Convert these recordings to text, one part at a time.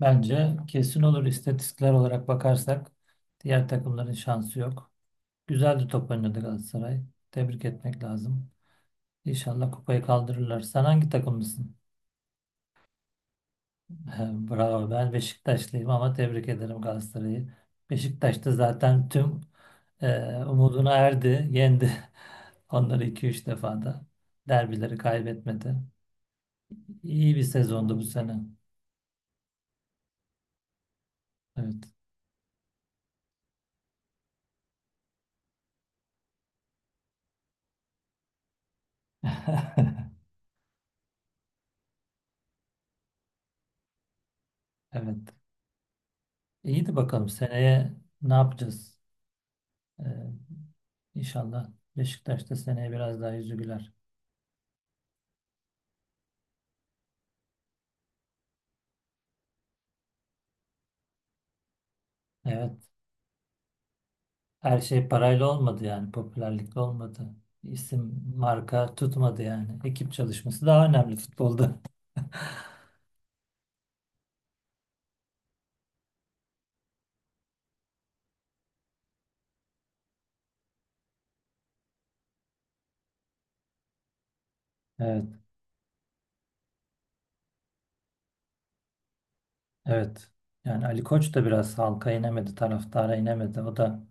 Bence kesin olur. İstatistikler olarak bakarsak diğer takımların şansı yok. Güzel de top oynadı Galatasaray. Tebrik etmek lazım. İnşallah kupayı kaldırırlar. Sen hangi takımlısın? He, bravo. Ben Beşiktaşlıyım ama tebrik ederim Galatasaray'ı. Beşiktaş da zaten tüm umuduna erdi, yendi. Onları iki üç defa da derbileri kaybetmedi. İyi bir sezondu bu sene. Evet. Evet. İyi de bakalım seneye ne yapacağız? Ee, İnşallah Beşiktaş'ta seneye biraz daha yüzü güler. Evet. Her şey parayla olmadı yani. Popülerlikle olmadı. İsim, marka tutmadı yani. Ekip çalışması daha önemli futbolda. Evet. Evet. Yani Ali Koç da biraz halka inemedi, taraftara inemedi. O da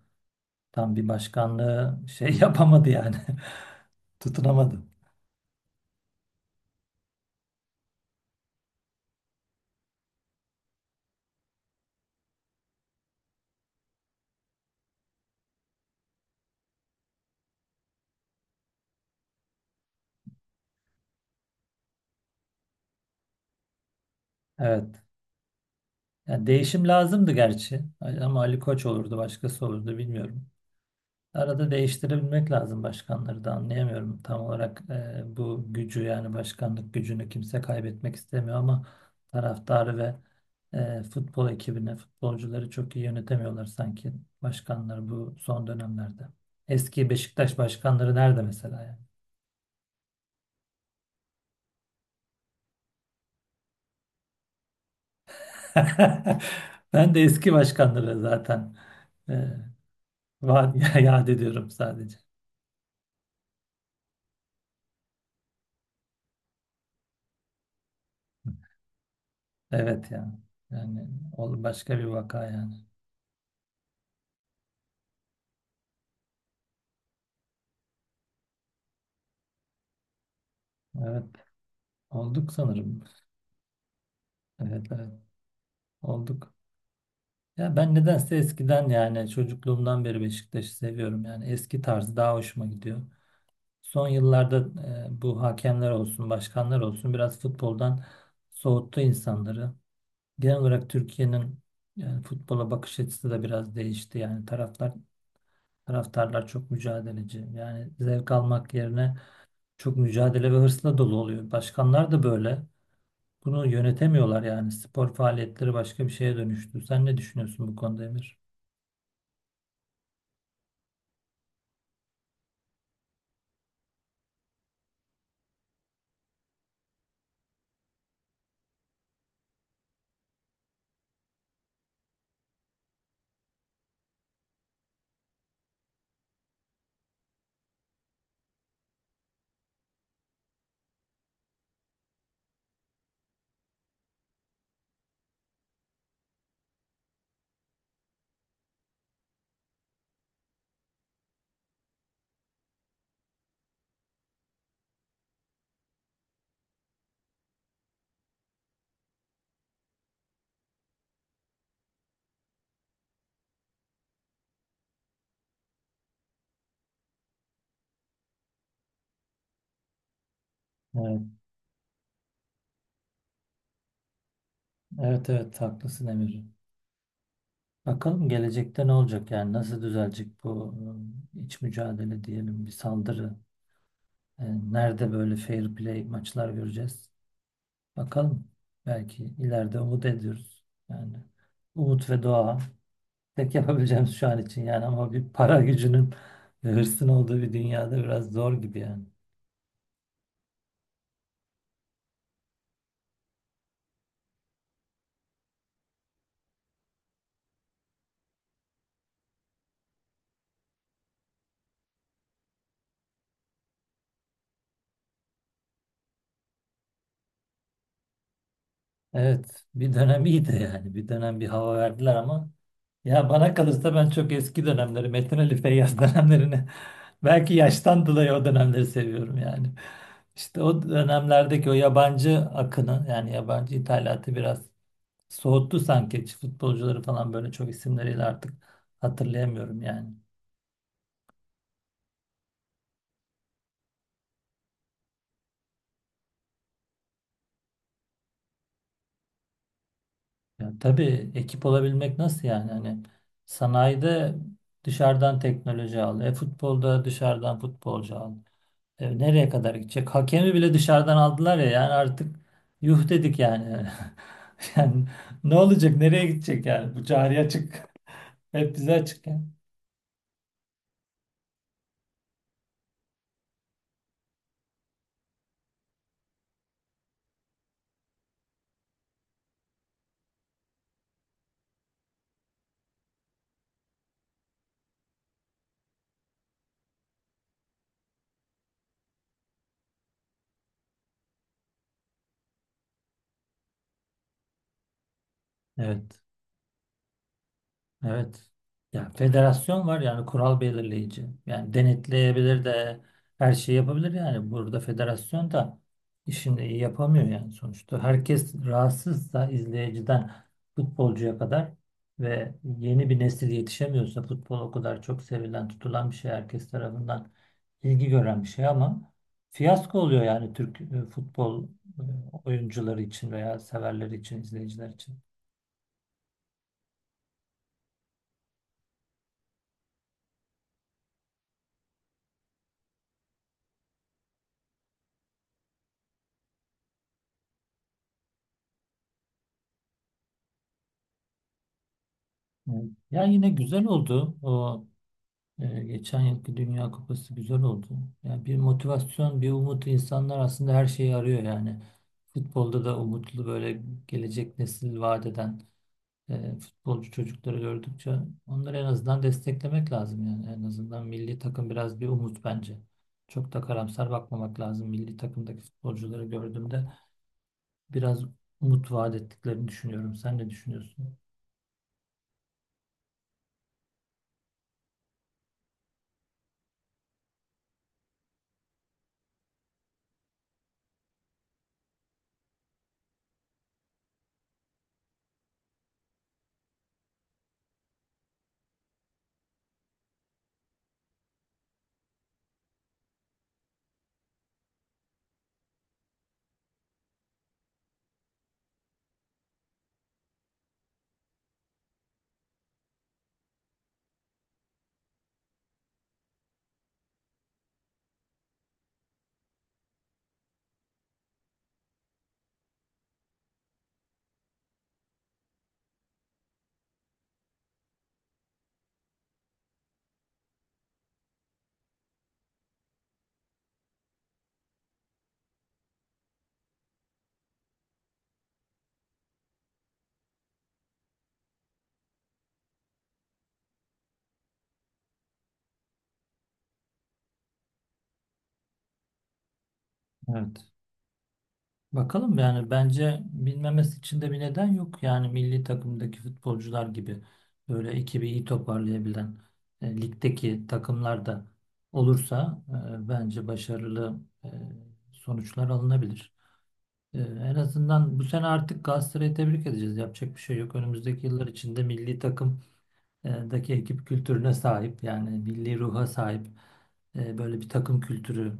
tam bir başkanlığı şey yapamadı yani. Tutunamadı. Evet. Yani değişim lazımdı gerçi. Ama Ali Koç olurdu, başkası olurdu bilmiyorum. Arada değiştirebilmek lazım başkanları da anlayamıyorum. Tam olarak bu gücü yani başkanlık gücünü kimse kaybetmek istemiyor ama taraftarı ve futbol ekibini, futbolcuları çok iyi yönetemiyorlar sanki başkanları bu son dönemlerde. Eski Beşiktaş başkanları nerede mesela yani? Ben de eski başkanları zaten e, var ya, yad ediyorum sadece. Evet yani. Yani başka bir vaka yani. Evet, olduk sanırım. Evet, evet. Olduk. Ya ben nedense eskiden yani çocukluğumdan beri Beşiktaş'ı seviyorum. Yani eski tarzı daha hoşuma gidiyor. Son yıllarda bu hakemler olsun, başkanlar olsun biraz futboldan soğuttu insanları. Genel olarak Türkiye'nin yani futbola bakış açısı da biraz değişti. Yani taraftarlar çok mücadeleci. Yani zevk almak yerine çok mücadele ve hırsla dolu oluyor. Başkanlar da böyle. Bunu yönetemiyorlar yani. Spor faaliyetleri başka bir şeye dönüştü. Sen ne düşünüyorsun bu konuda Emir? Evet. Evet, evet, haklısın Emir. Bakalım gelecekte ne olacak yani nasıl düzelecek bu iç mücadele diyelim bir saldırı. E, Nerede böyle fair play maçlar göreceğiz? Bakalım. Belki ileride umut ediyoruz. Yani umut ve dua tek yapabileceğimiz şu an için yani, ama bir para gücünün ve hırsın olduğu bir dünyada biraz zor gibi yani. Evet, bir dönem iyiydi yani, bir dönem bir hava verdiler ama ya bana kalırsa ben çok eski dönemleri, Metin Ali Feyyaz dönemlerini belki yaştan dolayı o dönemleri seviyorum yani. İşte o dönemlerdeki o yabancı akını yani yabancı ithalatı biraz soğuttu sanki. Futbolcuları falan böyle çok isimleriyle artık hatırlayamıyorum yani. Ya tabii ekip olabilmek nasıl yani? Hani sanayide dışarıdan teknoloji al, e futbolda dışarıdan futbolcu al. E, nereye kadar gidecek? Hakemi bile dışarıdan aldılar ya, yani artık yuh dedik yani. Yani ne olacak? Nereye gidecek yani? Bu cari açık. Hep bize açık yani. Evet. Evet. Ya federasyon var yani kural belirleyici. Yani denetleyebilir de her şeyi yapabilir yani. Burada federasyon da işini iyi yapamıyor yani sonuçta. Herkes rahatsızsa izleyiciden futbolcuya kadar ve yeni bir nesil yetişemiyorsa, futbol o kadar çok sevilen, tutulan bir şey, herkes tarafından ilgi gören bir şey ama fiyasko oluyor yani Türk futbol oyuncuları için veya severleri için, izleyiciler için. Evet. Ya yine güzel oldu. O geçen yılki Dünya Kupası güzel oldu. Yani bir motivasyon, bir umut, insanlar aslında her şeyi arıyor yani. Futbolda da umutlu böyle gelecek nesil vaat eden futbolcu çocukları gördükçe onları en azından desteklemek lazım yani. En azından milli takım biraz bir umut bence. Çok da karamsar bakmamak lazım. Milli takımdaki futbolcuları gördüğümde biraz umut vaat ettiklerini düşünüyorum. Sen ne düşünüyorsun? Evet. Bakalım yani, bence bilmemesi için de bir neden yok. Yani milli takımdaki futbolcular gibi böyle ekibi iyi toparlayabilen ligdeki takımlar da olursa bence başarılı sonuçlar alınabilir. En azından bu sene artık Galatasaray'ı tebrik edeceğiz. Yapacak bir şey yok. Önümüzdeki yıllar içinde milli takım daki ekip kültürüne sahip yani milli ruha sahip böyle bir takım kültürü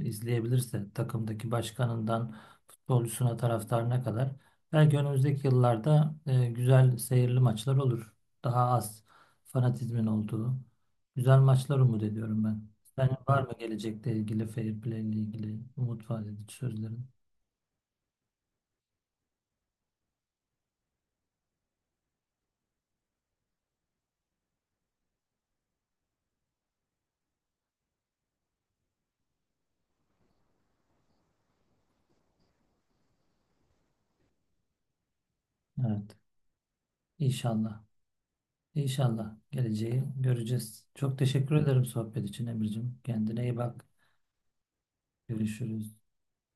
izleyebilirse, takımdaki başkanından futbolcusuna, taraftarına kadar, belki önümüzdeki yıllarda güzel seyirli maçlar olur. Daha az fanatizmin olduğu güzel maçlar umut ediyorum ben. Senin var mı gelecekle ilgili, fair play ile ilgili umut vaat edici sözlerin? Evet. İnşallah. İnşallah geleceği göreceğiz. Çok teşekkür ederim sohbet için Emir'cim. Kendine iyi bak. Görüşürüz.